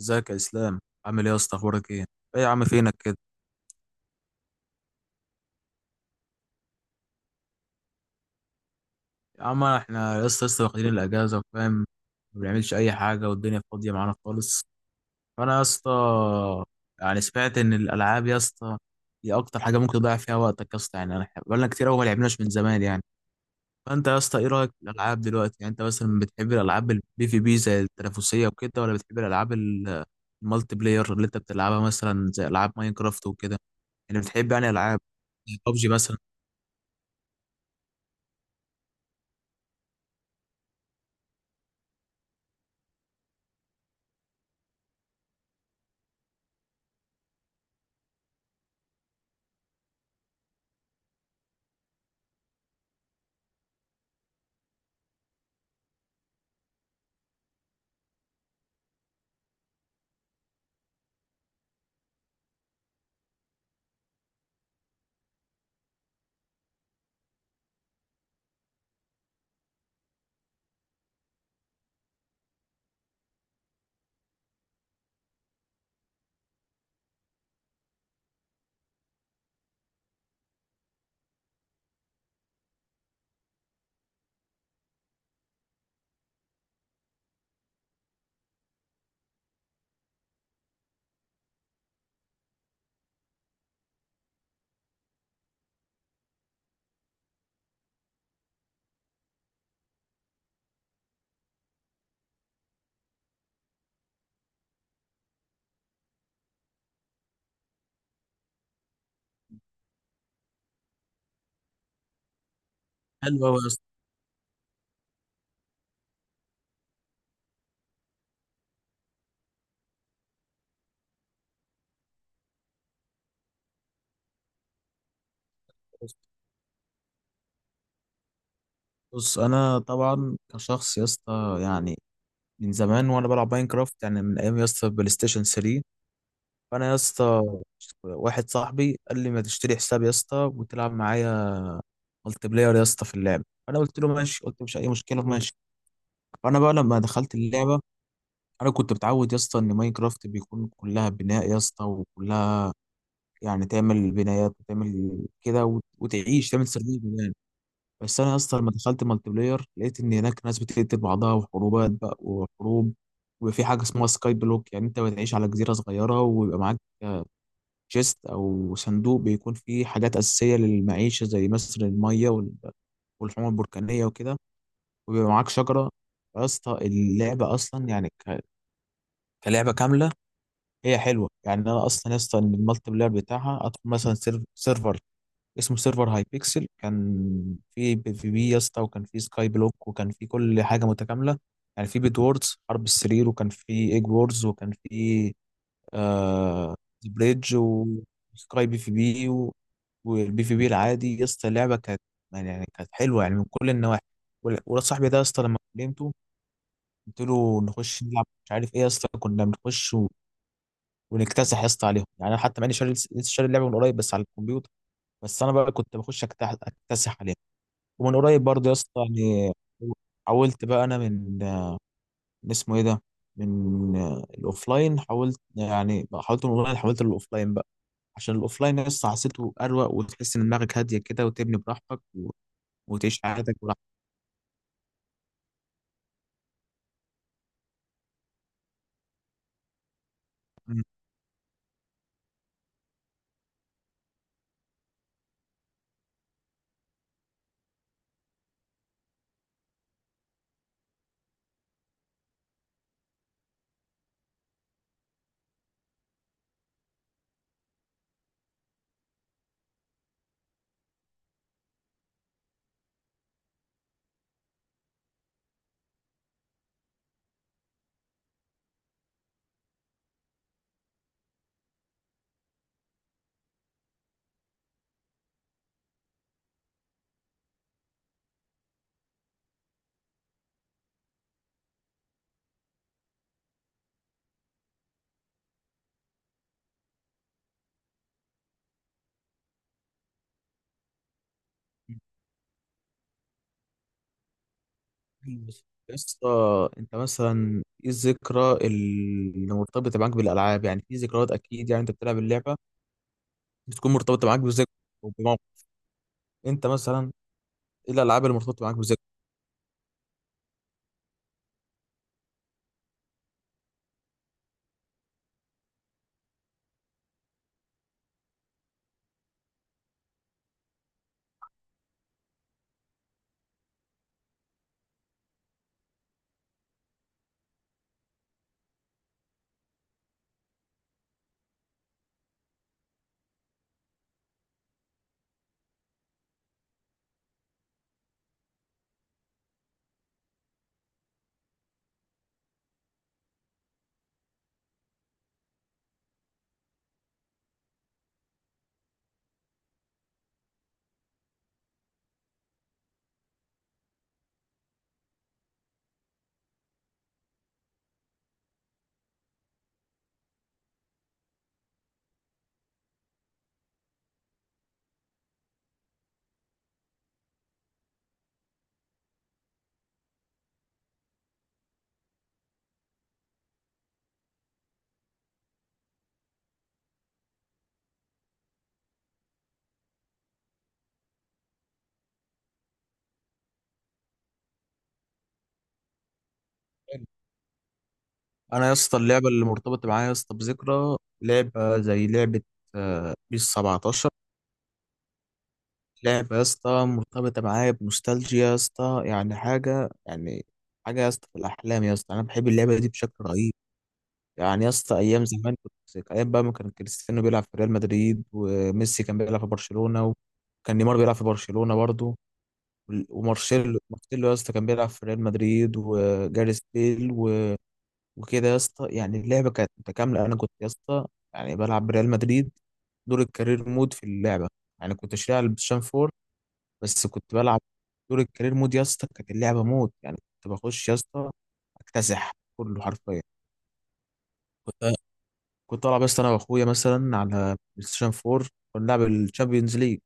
ازيك يا اسلام؟ عامل ايه يا اسطى؟ اخبارك ايه؟ ايه يا عم فينك كده؟ يا عم احنا يا اسطى لسه واخدين الاجازه، فاهم؟ ما بنعملش اي حاجه والدنيا فاضيه معانا خالص. فانا يا اسطى سمعت ان الالعاب يا اسطى هي اكتر حاجه ممكن تضيع فيها وقتك يا اسطى، انا إحنا بقالنا كتير قوي ما لعبناش من زمان يعني. فانت يا اسطى ايه رايك في الالعاب دلوقتي؟ يعني انت مثلا بتحب الالعاب البي في بي زي التنافسيه وكده، ولا بتحب الالعاب المالتي بلاير اللي انت بتلعبها مثلا زي العاب ماينكرافت وكده؟ يعني بتحب يعني العاب ببجي مثلا؟ حلوه. بص، بص، انا طبعا كشخص يا اسطى يعني من زمان وانا بلعب ماينكرافت، يعني من ايام يا اسطى بلاي ستيشن 3. فانا يا اسطى واحد صاحبي قال لي ما تشتري حساب يا اسطى وتلعب معايا ملتي بلاير يا اسطى في اللعب. فانا قلت له ماشي، قلت مش اي مشكله، ماشي. فانا بقى لما دخلت اللعبه، انا كنت متعود يا اسطى ان ماينكرافت بيكون كلها بناء يا اسطى، وكلها يعني تعمل بنايات وتعمل كده وتعيش، تعمل سيرفيس. بس انا اصلا لما دخلت مالتي بلاير لقيت ان هناك ناس بتقتل بعضها وحروبات بقى وحروب، ويبقى في حاجه اسمها سكاي بلوك، يعني انت بتعيش على جزيره صغيره ويبقى معاك تشيست او صندوق بيكون فيه حاجات اساسيه للمعيشه زي مثلا الميه والحمم البركانيه وكده، وبيبقى معاك شجره. يا اسطى اللعبه اصلا كلعبه كامله هي حلوه. يعني انا اصلا يا اسطى إن المالتي بلاير بتاعها ادخل مثلا سيرفر اسمه سيرفر هاي بيكسل، كان في بي في بي يا اسطى، وكان في سكاي بلوك، وكان في كل حاجه متكامله. يعني في بيد ووردز حرب السرير، وكان في ايج ووردز، وكان في آه بريدج وسكاي بي في بي والبي في بي العادي. يا اسطى اللعبه كانت يعني كانت حلوه يعني من كل النواحي. ولاد صاحبي ده يا اسطى لما كلمته قلت له نخش نلعب، مش عارف ايه يا اسطى، كنا بنخش ونكتسح يا اسطى عليهم. يعني انا حتى ماني شاري، لسه شاري اللعبه من قريب بس على الكمبيوتر. بس انا بقى كنت بخش اكتسح عليهم ومن قريب برضه يا اسطى يعني. حولت بقى انا من من اسمه ايه ده من الاوفلاين، حولت يعني حولت من الاونلاين حولت للاوفلاين بقى، عشان الاوفلاين يا اسطى حسيته اروق، وتحس ان دماغك هاديه كده وتبني براحتك وتعيش حياتك براحتك. بس يا اسطى انت مثلا ايه الذكرى اللي مرتبطه معاك بالالعاب؟ يعني في ذكريات اكيد، يعني انت بتلعب اللعبه بتكون مرتبطه معاك بذكرى او بموقف. انت مثلا ايه الالعاب اللي مرتبطه معاك بذكرى؟ انا يا اسطى اللعبه اللي مرتبطه معايا يا اسطى بذكرى لعبه زي لعبه بيس 17، لعبه يا اسطى مرتبطه معايا بنوستالجيا يا اسطى، يعني حاجه، يعني حاجه يا اسطى في الاحلام يا اسطى. انا بحب اللعبه دي بشكل رهيب. يعني يا اسطى ايام زمان كنت ايام بقى ما كان كريستيانو بيلعب في ريال مدريد، وميسي كان بيلعب في برشلونه، وكان نيمار بيلعب في برشلونه برضه، ومارسيلو، مارسيلو يا اسطى كان بيلعب في ريال مدريد، وجاريث بيل وكده يا اسطى. يعني اللعبه كانت متكامله، انا كنت يا اسطى يعني بلعب بريال مدريد دور الكارير مود في اللعبه، يعني كنت شاري على البلايستيشن 4، بس كنت بلعب دور الكارير مود يا اسطى. كانت اللعبه مود، يعني كنت بخش يا اسطى اكتسح كله حرفيا. كنت كنت العب يا اسطى انا واخويا مثلا على بلايستيشن 4، كنا بنلعب الشامبيونز ليج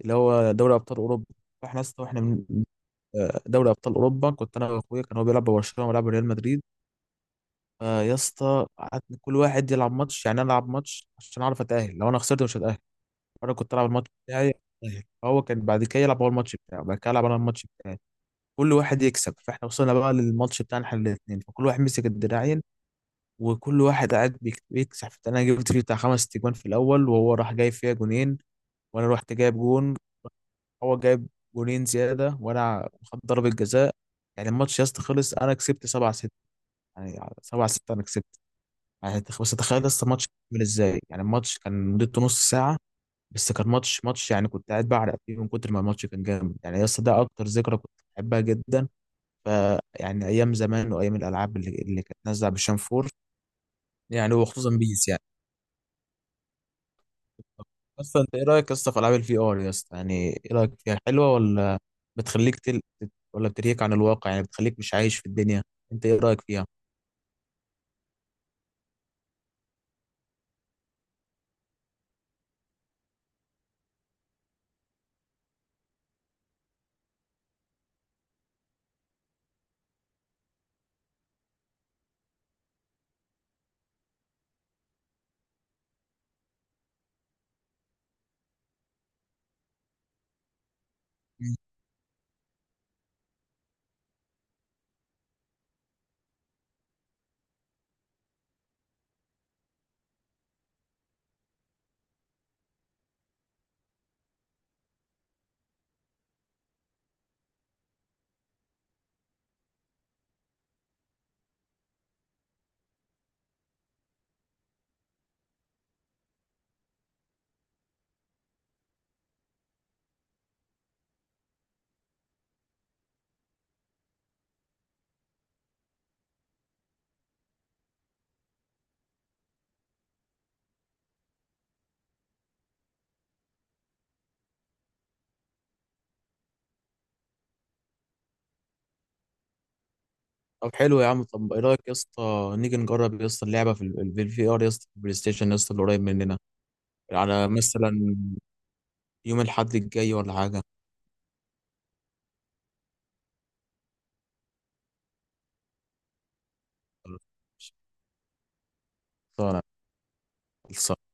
اللي هو دوري ابطال اوروبا. فاحنا يا اسطى واحنا من آه، دوري ابطال اوروبا، كنت انا واخويا، كان هو بيلعب ببرشلونه وبيلعب ريال مدريد. فيا اسطى قعدنا كل واحد يلعب ماتش، يعني انا العب ماتش عشان اعرف اتاهل، لو انا خسرت مش هتاهل. انا كنت العب الماتش بتاعي أتأهل. فهو كان بعد كده يلعب هو الماتش بتاعه، بعد كده العب انا الماتش بتاعي، كل واحد يكسب. فاحنا وصلنا بقى للماتش بتاعنا احنا الاثنين، فكل واحد مسك الدراعين وكل واحد قاعد بيكسب. انا جبت فيه بتاع خمس تجوان في الاول، وهو راح جايب فيها جونين، وانا رحت جايب جون، هو جايب جونين زياده وانا خدت ضربه جزاء. يعني الماتش يا اسطى خلص، انا كسبت 7-6، يعني 7-6 انا كسبت. يعني بس تخيل لسه ماتش عامل ازاي! يعني الماتش كان مدته نص ساعة بس كان ماتش، يعني كنت قاعد بعرق فيه من كتر ما الماتش كان جامد. يعني لسه ده اكتر ذكرى كنت بحبها جدا. ف يعني ايام زمان وايام الالعاب اللي كانت نازلة بالشنفور، يعني وخصوصا بيس يعني. بس انت ايه رايك يا اسطى في العاب الفي ار يا اسطى؟ يعني ايه رايك فيها، حلوة، ولا بتخليك تل... ولا بتريك عن الواقع، يعني بتخليك مش عايش في الدنيا؟ انت ايه رايك فيها؟ طب حلو يا عم، طب ايه رايك يا اسطى نيجي نجرب يا اسطى اللعبه في الفي ار يا اسطى في البلاي ستيشن يا اسطى اللي قريب مننا، على مثلا يوم الاحد الجاي ولا حاجه؟ خلصانه. خلصانه.